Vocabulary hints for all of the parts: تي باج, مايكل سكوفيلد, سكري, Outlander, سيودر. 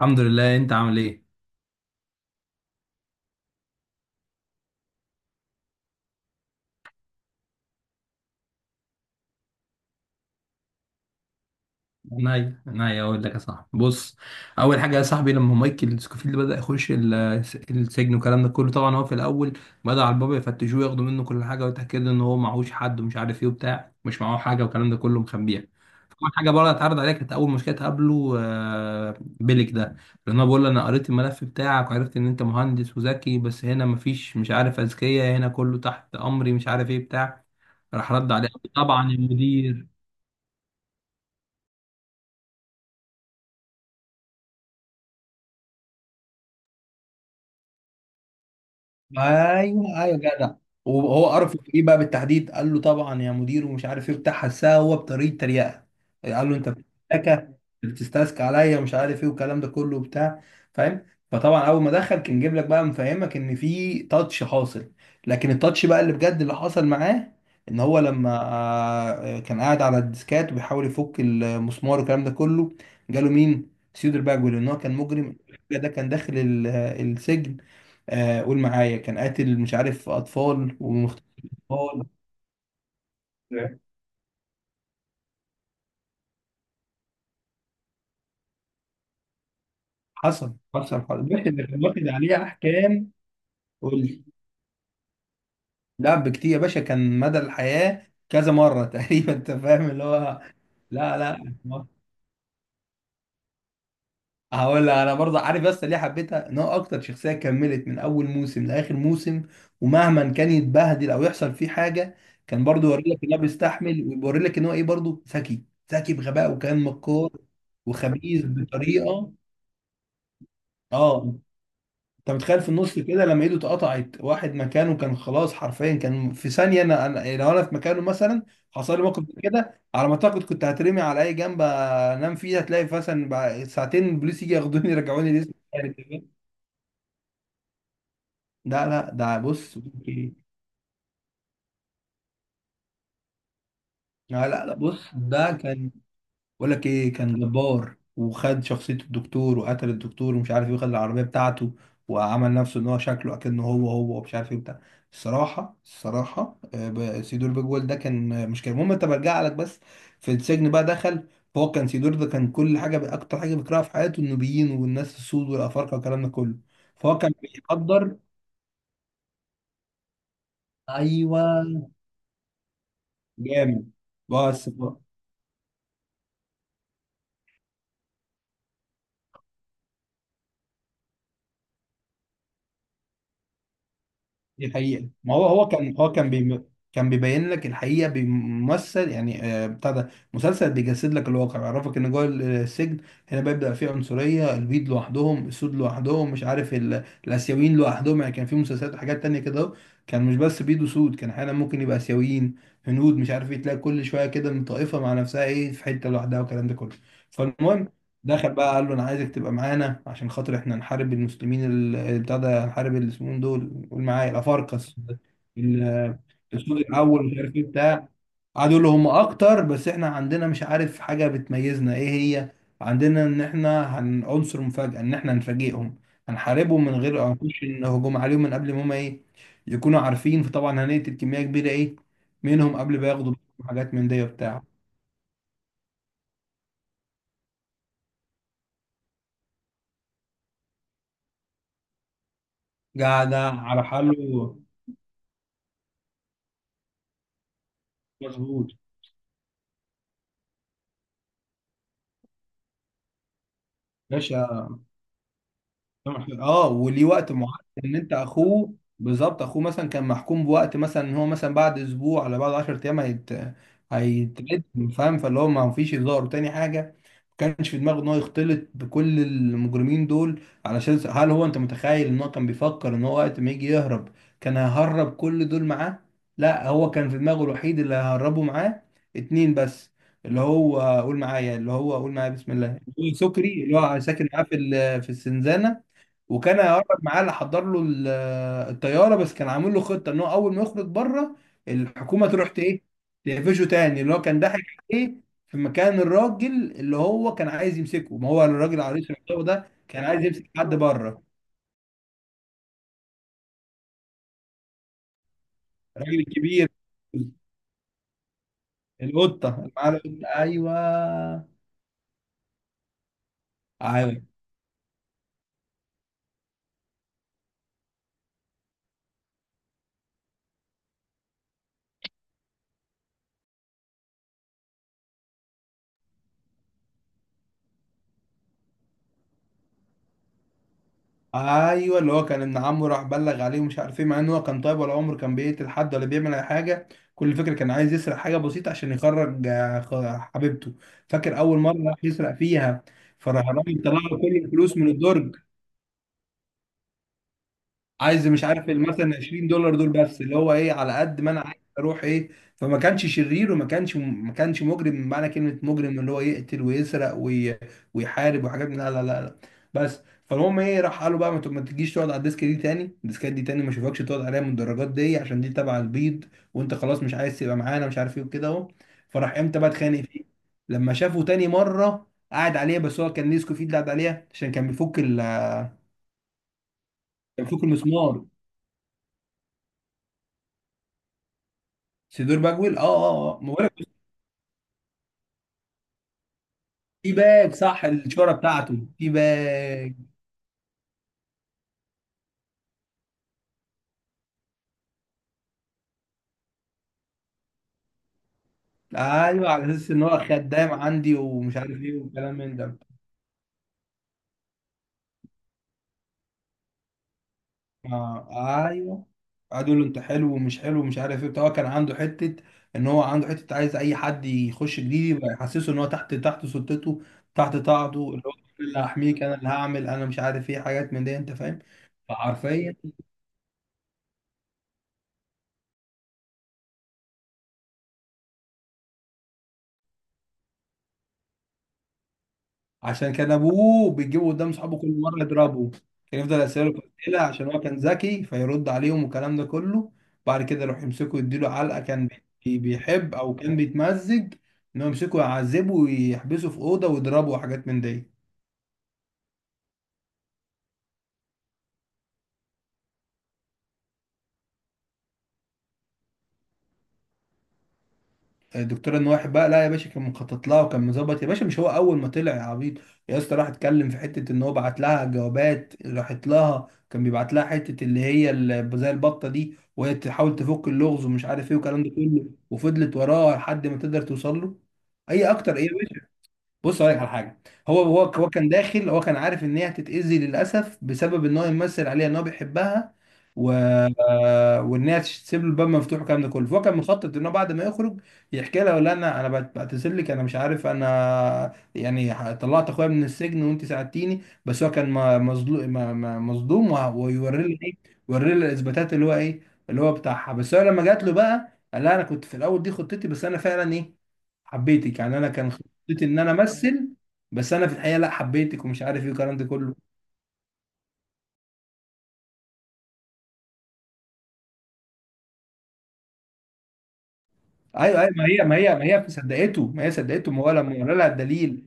الحمد لله، انت عامل ايه؟ ناي اقول لك يا صاحبي، بص. اول حاجه يا صاحبي، لما مايكل سكوفيلد بدا يخش السجن والكلام ده كله، طبعا هو في الاول بدا على البابا يفتشوه، ياخدوا منه كل حاجه ويتاكدوا ان هو معهوش حد ومش عارف ايه وبتاع، مش معاه حاجه والكلام ده كله مخبيها. اول حاجه بره اتعرض عليها كانت اول مشكله تقابله بيلك ده، لان هو بيقول له انا قريت الملف بتاعك وعرفت ان انت مهندس وذكي، بس هنا مفيش مش عارف اذكياء، هنا كله تحت امري مش عارف ايه بتاع. راح رد عليه طبعا المدير. ايوه ايوه جدع. وهو عرف في ايه بقى بالتحديد؟ قال له طبعا يا مدير ومش عارف ايه بتاع، حسها هو بطريقه تريقه. قال له انت بتستسكى، بتستسكى عليا ومش عارف ايه والكلام ده كله وبتاع. فاهم؟ فطبعا اول ما دخل كان جايب لك بقى مفهمك ان في تاتش حاصل. لكن التاتش بقى اللي بجد اللي حصل معاه، ان هو لما كان قاعد على الديسكات وبيحاول يفك المسمار والكلام ده كله، جاله مين؟ سيودر باجول. ان هو كان مجرم، ده كان داخل السجن. قول معايا، كان قاتل مش عارف اطفال ومختلف. اطفال. حصل حصل حصل باشا، ده كان واخد عليه احكام. قول لي. لا بكتير يا باشا، كان مدى الحياه كذا مره تقريبا، انت فاهم اللي هو. لا لا. هقول لك انا برضه عارف بس ليه حبيتها، ان هو اكتر شخصيه كملت من اول موسم لاخر موسم، ومهما كان يتبهدل او يحصل فيه حاجه، كان برضه يوري لك ان هو بيستحمل ويوري لك ان هو ايه، برضه ذكي. ذكي بغباء، وكان مكار وخبيث بطريقه. اه. انت متخيل في النص كده لما ايده اتقطعت واحد مكانه؟ كان خلاص، حرفيا كان في ثانيه أنا لو انا في مكانه مثلا، حصل لي موقف زي كده على ما اعتقد، كنت هترمي على اي جنب انام فيه، هتلاقي مثلا بعد ساعتين البوليس يجي ياخدوني يرجعوني لسه يعني كده. لا ده بص. لا بص، ده كان بقول لك ايه، كان جبار. وخد شخصية الدكتور وقتل الدكتور ومش عارف ايه، وخد العربية بتاعته، وعمل نفسه ان هو شكله اكنه هو هو، ومش عارف ايه بتاع. الصراحة سيدور بيجوال ده كان مشكلة. المهم انت، برجع لك بس. في السجن بقى دخل، فهو كان سيدور ده كان كل حاجة، اكتر حاجة بيكرهها في حياته النوبيين والناس السود والافارقة والكلام ده كله. فهو كان بيقدر. ايوه. جامد. بس دي حقيقة، ما هو هو كان بيبين لك الحقيقة، بيمثل يعني بتاع، ده مسلسل بيجسد لك الواقع، بيعرفك ان جوه السجن هنا بيبدأ فيه عنصرية. البيض لوحدهم، السود لوحدهم، مش عارف الآسيويين لوحدهم. يعني كان في مسلسلات وحاجات تانية كده أهو، كان مش بس بيض وسود، كان احيانا ممكن يبقى آسيويين، هنود، مش عارف ايه، تلاقي كل شوية كده من طائفة مع نفسها ايه في حتة لوحدها والكلام ده كله. فالمهم دخل بقى، قال له انا عايزك تبقى معانا عشان خاطر احنا نحارب المسلمين اللي بتاع ده، نحارب اللي اسمهم دول، قول معايا، الافارقه ال- الصوت الاول مش عارف ايه بتاع. قعدوا يقولوا هم اكتر، بس احنا عندنا مش عارف حاجه بتميزنا. ايه هي؟ عندنا ان احنا هن عنصر مفاجاه، ان احنا هنفاجئهم، هنحاربهم من غير هنخش إن هجوم عليهم من قبل ما هم ايه يكونوا عارفين. فطبعا هنقتل كميه كبيره ايه منهم قبل ما ياخدوا حاجات من دي وبتاع. قاعد على حاله. مظبوط. باشا، طبعاً إحنا، اه، وليه وقت معين. ان انت اخوه بالظبط. اخوه مثلا كان محكوم بوقت، مثلا ان هو مثلا بعد اسبوع ولا بعد 10 ايام هيترد. فاهم؟ فاللي هو ما فيش هزار وتاني حاجه، ما كانش في دماغه ان هو يختلط بكل المجرمين دول. هل هو، انت متخيل ان هو كان بيفكر ان هو وقت ما يجي يهرب كان هيهرب كل دول معاه؟ لا، هو كان في دماغه الوحيد اللي هيهربه معاه اتنين بس، اللي هو قول معايا، اللي هو قول معايا، بسم الله، اللي هو سكري، اللي هو ساكن معاه في في السنزانه، وكان هيقرب معاه اللي حضر له الطياره. بس كان عامل له خطه ان هو اول ما يخرج بره، الحكومه تروح ايه، تقفشه تاني. اللي هو كان ضحك عليه في مكان الراجل اللي هو كان عايز يمسكه، ما هو الراجل عريس العقاب ده كان عايز يمسك حد بره. الراجل الكبير. القطه، اللي معاه القطة. ايوه ايوه ايوه، اللي هو كان ابن عمه راح بلغ عليه ومش عارف ايه، مع ان هو كان طيب ولا عمره كان بيقتل حد ولا بيعمل اي حاجه. كل فكره كان عايز يسرق حاجه بسيطه عشان يخرج حبيبته. فاكر اول مره راح يسرق فيها؟ فراح الراجل طلع له كل الفلوس من الدرج، عايز مش عارف مثلا 20 دولار دول بس، اللي هو ايه على قد ما انا عايز اروح ايه. فما كانش شرير، وما كانش ما كانش مجرم بمعنى كلمه مجرم، اللي هو يقتل ويسرق ويحارب وحاجات لا لا لا لا، بس. فالمهم ايه، راح قالوا بقى ما تجيش تقعد على الديسك دي تاني، الديسكات دي تاني ما اشوفكش تقعد عليها من الدرجات دي، عشان دي تبع البيض وانت خلاص مش عايز تبقى معانا، مش عارف ايه وكده اهو. فراح امتى بقى اتخانق فيه؟ لما شافه تاني مره قاعد عليها، بس هو كان نيسكو فيه اللي قاعد عليها عشان كان بيفك المسمار. سيدور باجويل، اه اه اه، ما بقولك. تي باج، صح، الشهرة بتاعته تي باج. ايوه، على اساس ان هو خدام عندي ومش عارف ايه والكلام من ده. آه ايوه. قعدوا يقولوا انت حلو ومش حلو ومش عارف ايه بتاع. هو كان عنده حته، ان هو عنده حته عايز اي حد يخش جديد يبقى يحسسه ان هو تحت سلطته، تحت طاعته، اللي هو أنا اللي هحميك، انا اللي هعمل انا مش عارف ايه، حاجات من دي، انت فاهم. فحرفيا عشان كان ابوه بيجيبه قدام صحابه كل مره يضربه، كان يفضل يساله في الاسئله عشان هو كان ذكي فيرد عليهم والكلام ده كله، بعد كده يروح يمسكه يديله علقه. كان بيحب او كان بيتمزج انه يمسكه يعذبه ويحبسه في اوضه ويضربه وحاجات من دي. الدكتور انواح بقى، لا يا باشا كان مخطط لها، وكان مظبط يا باشا، مش هو اول ما طلع يا عبيط يا اسطى راح اتكلم في حته، ان هو بعت لها جوابات، راحت لها كان بيبعت لها حته اللي هي زي البطه دي وهي تحاول تفك اللغز ومش عارف ايه والكلام ده كله، وفضلت وراه لحد ما تقدر توصل له. اي اكتر ايه يا باشا. بص هقول لك على حاجه. هو كان داخل هو كان عارف ان هي هتتاذي للاسف، بسبب ان هو يمثل عليها ان هو بيحبها و... آه، وان هي تسيب له الباب مفتوح والكلام ده كله. فهو كان مخطط ان هو بعد ما يخرج يحكي لها، ولا انا، بعتذر لك انا مش عارف انا يعني طلعت اخويا من السجن وانت ساعدتيني، بس هو كان مظلوم، مظلوم ويوري لي ايه، يوري لي الاثباتات اللي هو ايه اللي هو بتاعها. بس هو لما جات له بقى قال لها انا كنت في الاول دي خطتي، بس انا فعلا ايه حبيتك، يعني انا كان خطتي ان انا امثل، بس انا في الحقيقه لا حبيتك ومش عارف ايه والكلام ده كله. ايوه ايوه، ما هي صدقته، ما هي صدقته، ما هو لما ورى لها الدليل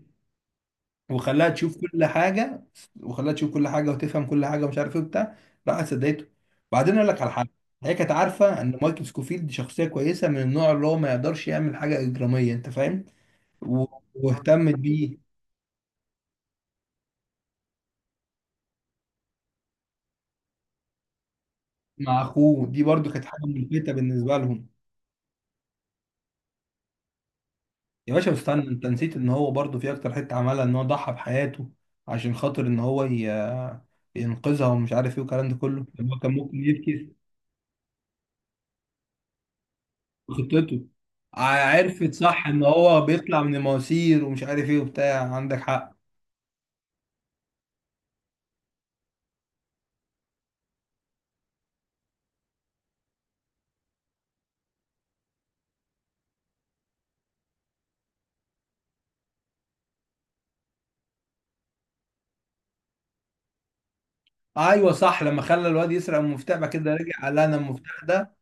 وخلاها تشوف كل حاجه، وخلاها تشوف كل حاجه وتفهم كل حاجه ومش عارف ايه وبتاع، راحت صدقته. بعدين اقول لك على حاجه، هي كانت عارفه ان مايكل سكوفيلد شخصيه كويسه من النوع اللي هو ما يقدرش يعمل حاجه اجراميه، انت فاهم. و- واهتمت بيه. مع اخوه، دي برضو كانت حاجه ملفتة بالنسبه لهم. يا باشا استنى، انت نسيت ان هو برضو في اكتر حته عملها، ان هو ضحى بحياته عشان خاطر ان هو ينقذها ومش عارف ايه والكلام ده كله. هو كان ممكن يبكي. خطته. عرفت صح ان هو بيطلع من المواسير ومش عارف ايه وبتاع، عندك حق. ايوه صح، لما خلى الواد يسرق المفتاح بعد كده رجع قال انا المفتاح ده.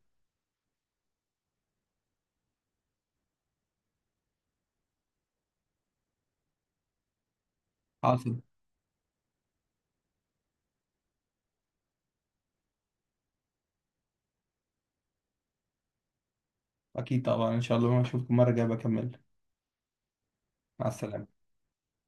حاصل. اكيد طبعا ان شاء الله ما اشوفكم المره الجايه بكمل. مع السلامه.